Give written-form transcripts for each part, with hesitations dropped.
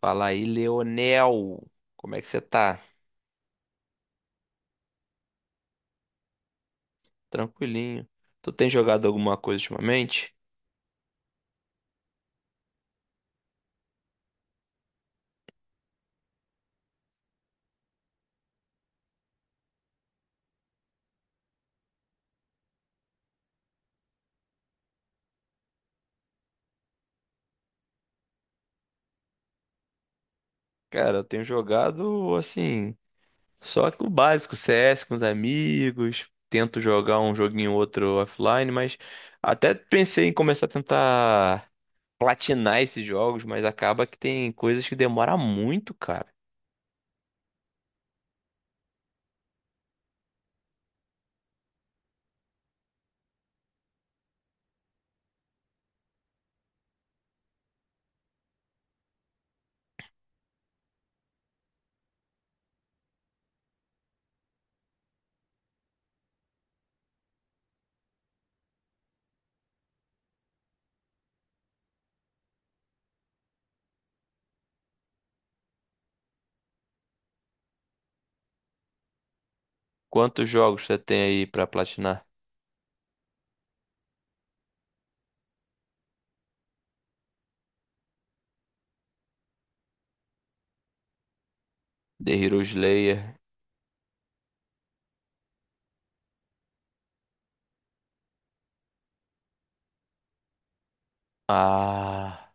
Fala aí, Leonel. Como é que você tá? Tranquilinho. Tu tem jogado alguma coisa ultimamente? Cara, eu tenho jogado assim, só que o básico, CS com os amigos. Tento jogar um joguinho ou outro offline, mas até pensei em começar a tentar platinar esses jogos, mas acaba que tem coisas que demora muito, cara. Quantos jogos você tem aí pra platinar? The Hero Slayer. Ah,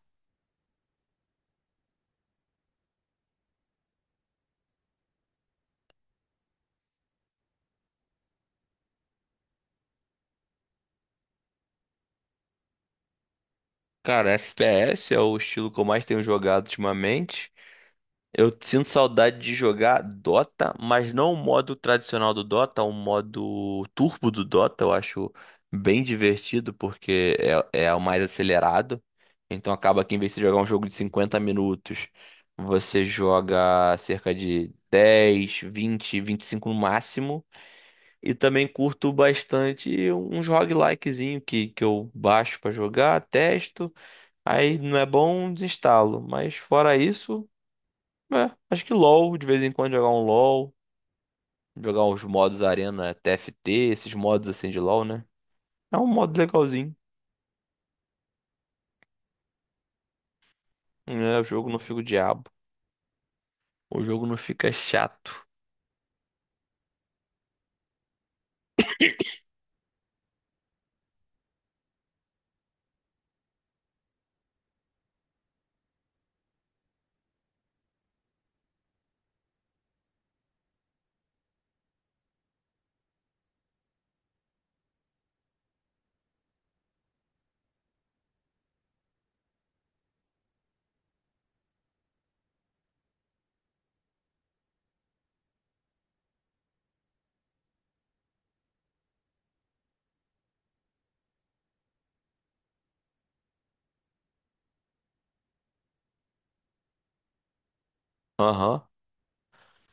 cara, FPS é o estilo que eu mais tenho jogado ultimamente. Eu sinto saudade de jogar Dota, mas não o modo tradicional do Dota, o modo turbo do Dota. Eu acho bem divertido porque é o mais acelerado. Então acaba que em vez de jogar um jogo de 50 minutos, você joga cerca de dez, vinte, vinte e cinco no máximo. E também curto bastante uns roguelikezinho que eu baixo pra jogar, testo, aí não é bom, desinstalo. Mas fora isso. É, acho que LoL, de vez em quando jogar um LoL, jogar uns modos Arena TFT, esses modos assim de LoL, né? É um modo legalzinho, né? O jogo não fica o diabo, o jogo não fica chato. Aham.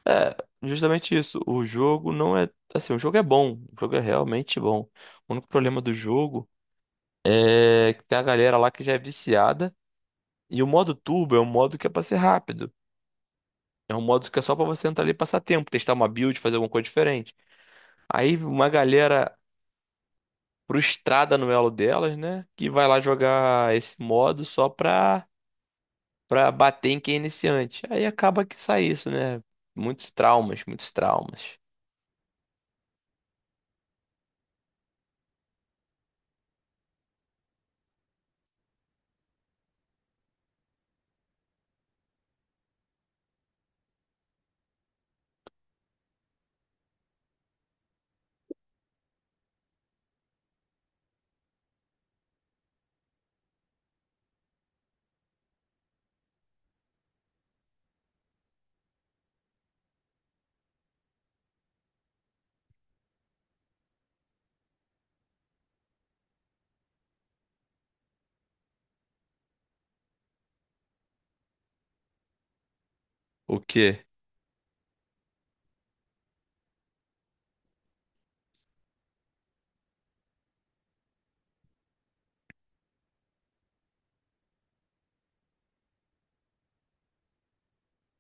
É, justamente isso. O jogo não é. Assim, o jogo é bom, o jogo é realmente bom. O único problema do jogo é que tem a galera lá que já é viciada. E o modo turbo é um modo que é pra ser rápido. É um modo que é só pra você entrar ali e passar tempo, testar uma build, fazer alguma coisa diferente. Aí uma galera frustrada no elo delas, né? Que vai lá jogar esse modo só pra bater em quem é iniciante. Aí acaba que sai isso, né? Muitos traumas, muitos traumas. O quê?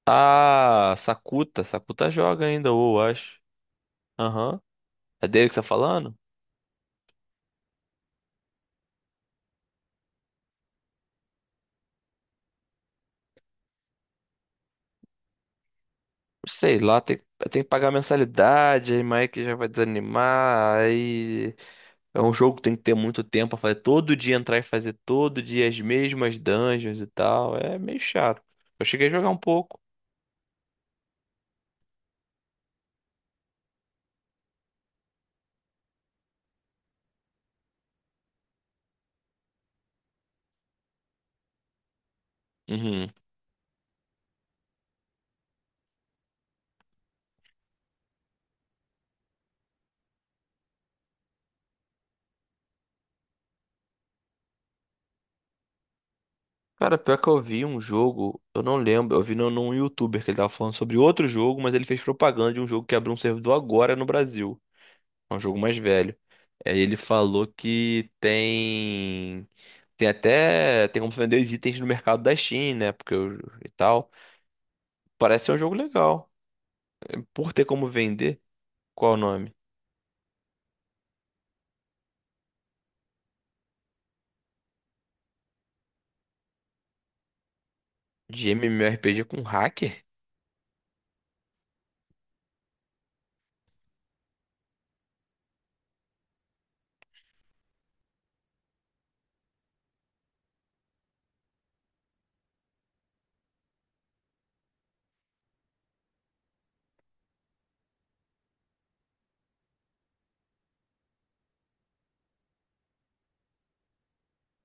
Ah, Sakuta. Sakuta joga ainda, ou acho. Aham. É dele que você tá falando? Não sei lá, tem, tem que pagar mensalidade, aí Mike já vai desanimar, aí é um jogo que tem que ter muito tempo pra fazer, todo dia entrar e fazer todo dia as mesmas dungeons e tal, é meio chato. Eu cheguei a jogar um pouco. Uhum. Cara, pior que eu vi um jogo, eu não lembro, eu vi num youtuber que ele tava falando sobre outro jogo, mas ele fez propaganda de um jogo que abriu um servidor agora no Brasil. É um jogo mais velho. Aí ele falou que tem. Tem até. Tem como vender os itens no mercado da Steam, né? Porque o- e tal. Parece ser um jogo legal. Por ter como vender, qual é o nome? De MMORPG com hacker?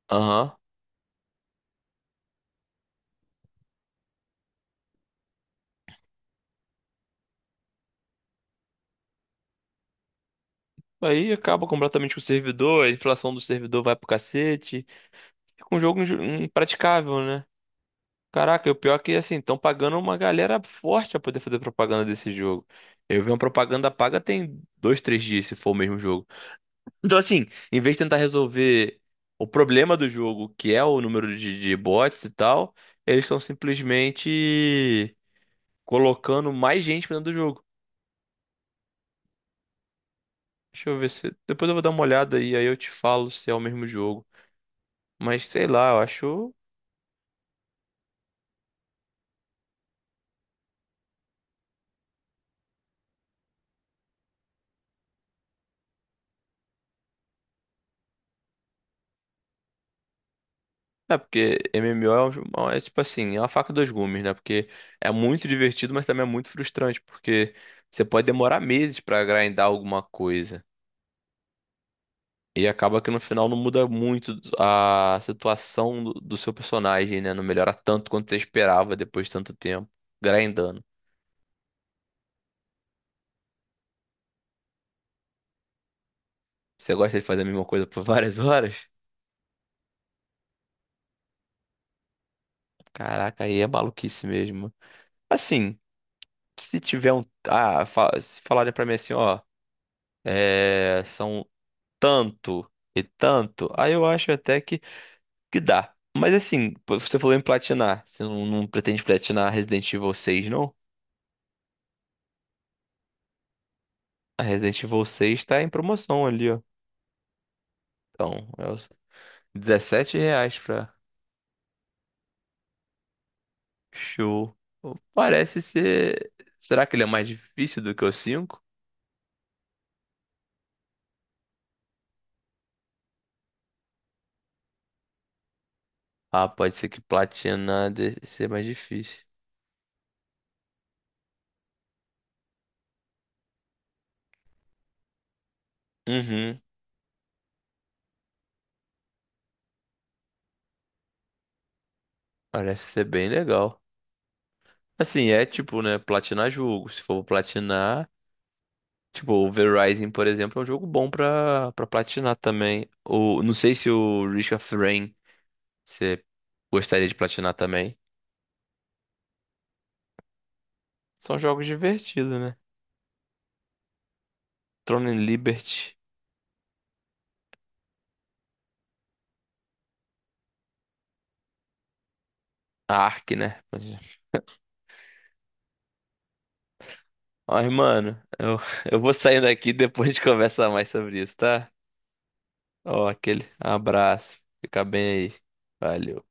Aham. Aí acaba completamente com o servidor, a inflação do servidor vai pro cacete. Fica um jogo inju- impraticável, né? Caraca, e o pior é que assim, estão pagando uma galera forte pra poder fazer propaganda desse jogo. Eu vi uma propaganda paga tem dois, três dias, se for o mesmo jogo. Então, assim, em vez de tentar resolver o problema do jogo, que é o número de bots e tal, eles estão simplesmente colocando mais gente pra dentro do jogo. Deixa eu ver se. Depois eu vou dar uma olhada e aí eu te falo se é o mesmo jogo. Mas sei lá, eu acho. É, porque MMO é, é tipo assim, é uma faca dos gumes, né? Porque é muito divertido, mas também é muito frustrante, porque você pode demorar meses pra grindar alguma coisa. E acaba que no final não muda muito a situação do seu personagem, né? Não melhora tanto quanto você esperava depois de tanto tempo grindando. Você gosta de fazer a mesma coisa por várias horas? Caraca, aí é maluquice mesmo. Assim, se tiver um. Ah, se falarem pra mim assim, ó. É, são tanto e tanto, aí eu acho até que dá. Mas assim, pô, você falou em platinar, você não, não pretende platinar Resident Evil 6, não? A Resident Evil 6 tá em promoção ali, ó. Então, é os R$ 17 pra show. Parece ser. Será que ele é mais difícil do que o cinco? Ah, pode ser que platinar de- ser mais difícil. Uhum, parece ser bem legal. Assim, é tipo, né, platinar jogo. Se for platinar. Tipo, o Verizon, por exemplo, é um jogo bom pra, pra platinar também. O, não sei se o Risk of Rain você gostaria de platinar também. São jogos divertidos, né? Throne and Liberty, a Ark, né? Mas, mano, eu, eu vou saindo daqui e depois a gente conversa mais sobre isso, tá? Ó, aquele abraço. Fica bem aí. Valeu.